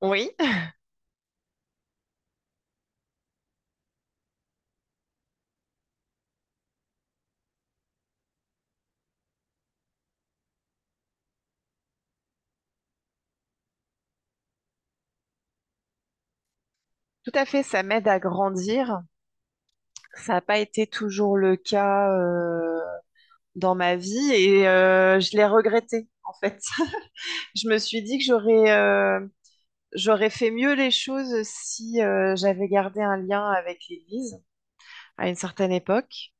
Oui, tout à fait, ça m'aide à grandir. Ça n'a pas été toujours le cas, dans ma vie et je l'ai regretté en fait. Je me suis dit que j'aurais fait mieux les choses si j'avais gardé un lien avec l'Église à une certaine époque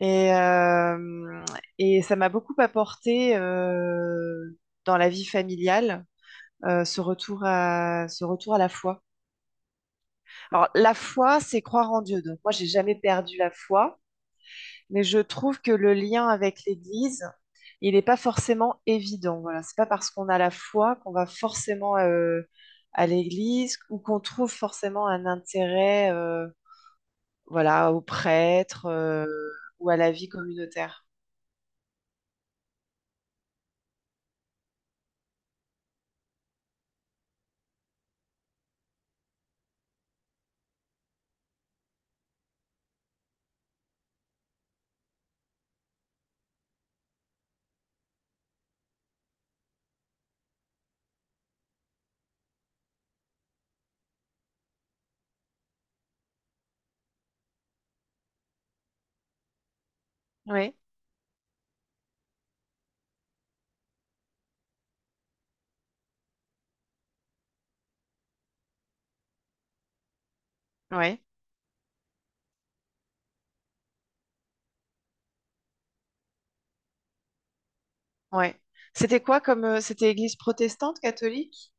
et euh, et ça m'a beaucoup apporté dans la vie familiale. Ce retour à la foi. Alors la foi, c'est croire en Dieu. Donc moi, j'ai jamais perdu la foi. Mais je trouve que le lien avec l'Église, il n'est pas forcément évident. Voilà, c'est pas parce qu'on a la foi qu'on va forcément à l'Église ou qu'on trouve forcément un intérêt, voilà, aux prêtres ou à la vie communautaire. Oui, oui, oui. C'était quoi comme, c'était Église protestante, catholique?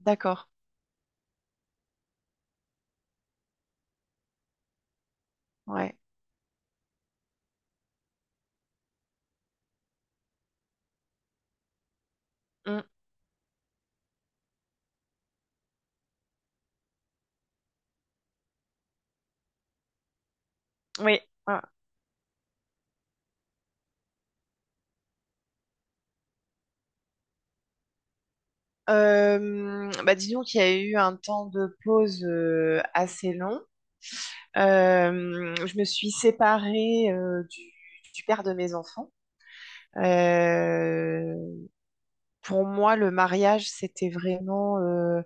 D'accord. Ouais. Mm. Oui. Ouais. Bah disons qu'il y a eu un temps de pause assez long. Je me suis séparée du père de mes enfants. Euh, pour moi, le mariage, c'était vraiment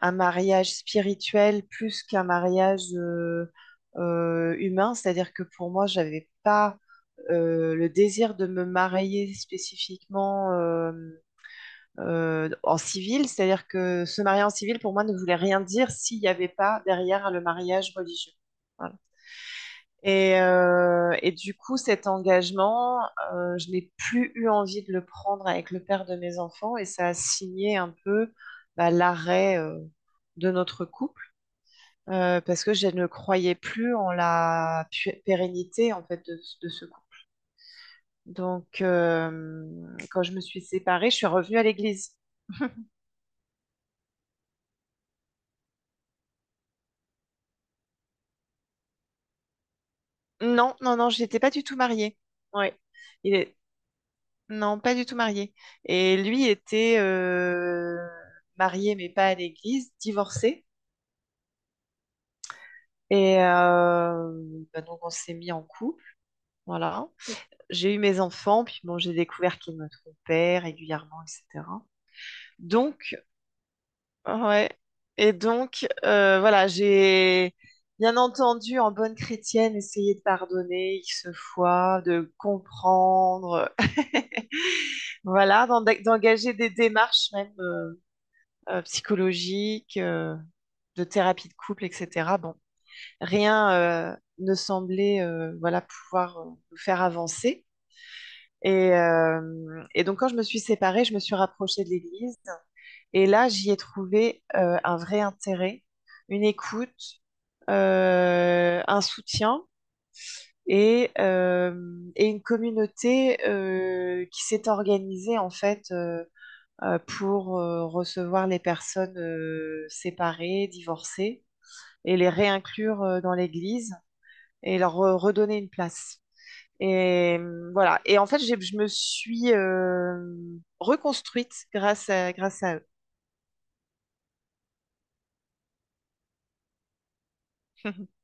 un mariage spirituel plus qu'un mariage humain. C'est-à-dire que pour moi, j'avais pas le désir de me marier spécifiquement en civil. C'est-à-dire que se marier en civil, pour moi, ne voulait rien dire s'il n'y avait pas derrière le mariage religieux. Voilà. Et du coup, cet engagement, je n'ai plus eu envie de le prendre avec le père de mes enfants et ça a signé un peu bah, l'arrêt de notre couple parce que je ne croyais plus en la pérennité en fait de ce couple. Donc, quand je me suis séparée, je suis revenue à l'église. Non, non, non, je n'étais pas du tout mariée. Ouais. Il est- Non, pas du tout marié. Et lui était marié, mais pas à l'église, divorcé. Et bah donc on s'est mis en couple, voilà. J'ai eu mes enfants, puis bon, j'ai découvert qu'il me trompait régulièrement, etc. Donc, ouais. Et donc, voilà, j'ai bien entendu, en bonne chrétienne, essayé de pardonner X fois, de comprendre, voilà, d'engager des démarches même. Psychologiques, de thérapie de couple, etc. Bon, rien ne semblait, voilà, pouvoir nous faire avancer. Et donc, quand je me suis séparée, je me suis rapprochée de l'Église. Et là, j'y ai trouvé un vrai intérêt, une écoute, un soutien et, euh, et une communauté qui s'est organisée, en fait, pour recevoir les personnes séparées, divorcées, et les réinclure dans l'Église et leur redonner une place. Et voilà. Et en fait, je me suis reconstruite grâce à eux.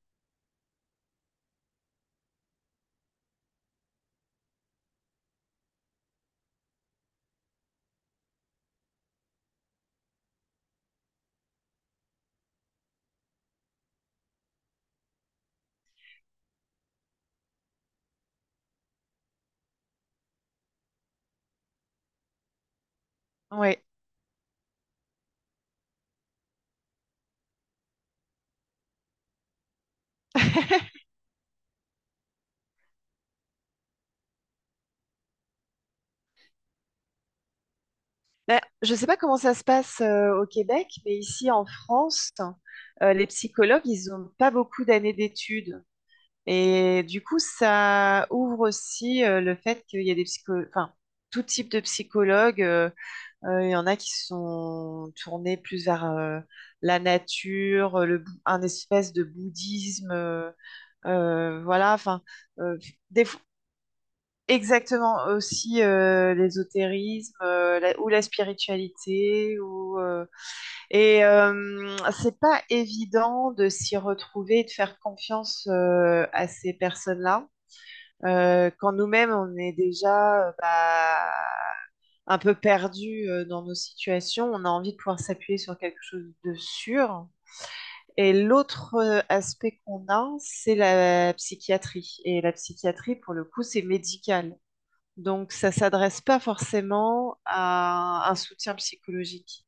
Ouais. Ben, je ne sais pas comment ça se passe au Québec, mais ici en France, les psychologues, ils n'ont pas beaucoup d'années d'études. Et du coup, ça ouvre aussi le fait qu'il y a des psychologues, enfin, tout type de psychologues. Il y en a qui sont tournés plus vers la nature, un espèce de bouddhisme. Voilà, enfin, euh, des fo- exactement aussi l'ésotérisme euh, ou la spiritualité. Ou, et c'est pas évident de s'y retrouver et de faire confiance à ces personnes-là quand nous-mêmes on est déjà bah, un peu perdu dans nos situations, on a envie de pouvoir s'appuyer sur quelque chose de sûr. Et l'autre aspect qu'on a, c'est la psychiatrie. Et la psychiatrie, pour le coup, c'est médical. Donc ça s'adresse pas forcément à un soutien psychologique.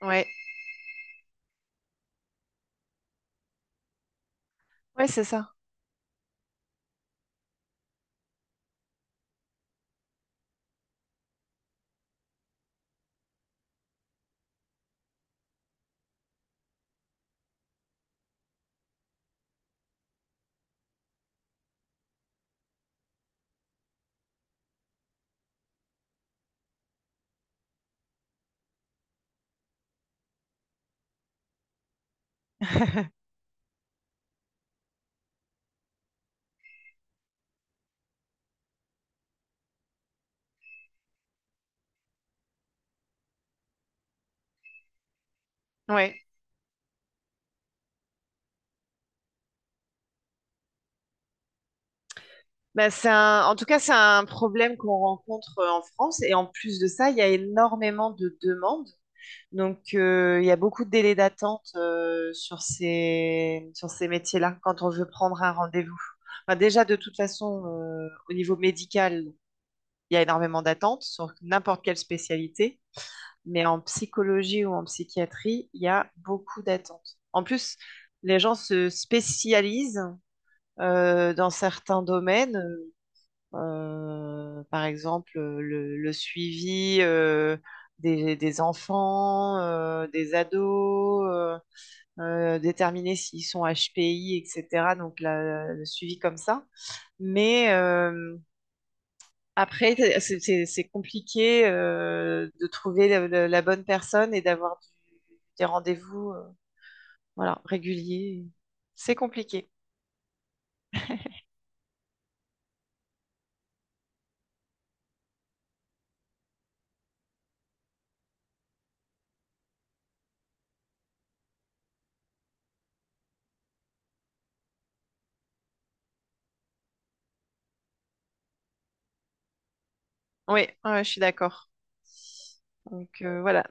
Ouais, ouais, c'est ça. Ouais. Bah, en tout cas, c'est un problème qu'on rencontre en France. Et en plus de ça, il y a énormément de demandes. Donc, il y a beaucoup de délais d'attente sur sur ces métiers-là quand on veut prendre un rendez-vous. Enfin, déjà, de toute façon, au niveau médical, il y a énormément d'attentes sur n'importe quelle spécialité, mais en psychologie ou en psychiatrie, il y a beaucoup d'attentes. En plus, les gens se spécialisent dans certains domaines. Par exemple, le suivi des enfants, des ados, déterminer s'ils sont HPI, etc. Donc, le suivi comme ça. Mais après, c'est compliqué de trouver la bonne personne et d'avoir des rendez-vous voilà, réguliers. C'est compliqué. Oui, ouais, ouais, je suis d'accord. Donc, voilà.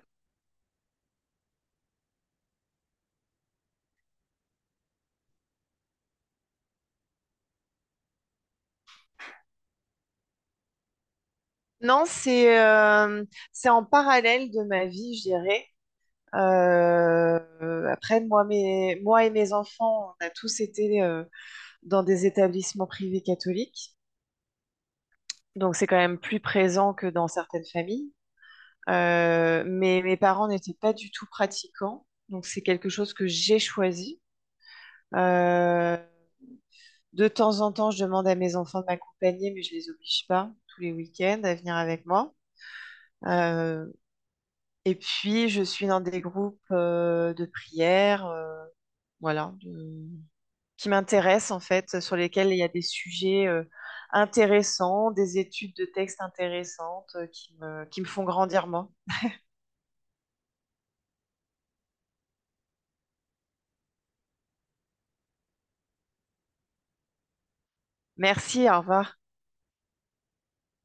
Non, c'est en parallèle de ma vie, je dirais. Après, moi et mes enfants, on a tous été dans des établissements privés catholiques, donc c'est quand même plus présent que dans certaines familles. Mais mes parents n'étaient pas du tout pratiquants, donc c'est quelque chose que j'ai choisi. Euh, de temps en temps, je demande à mes enfants de m'accompagner, mais je les oblige pas tous les week-ends à venir avec moi. Euh, Et puis, je suis dans des groupes de prière, voilà, qui m'intéressent en fait, sur lesquels il y a des sujets intéressants, des études de textes intéressantes qui me font grandir moi. Merci, au revoir.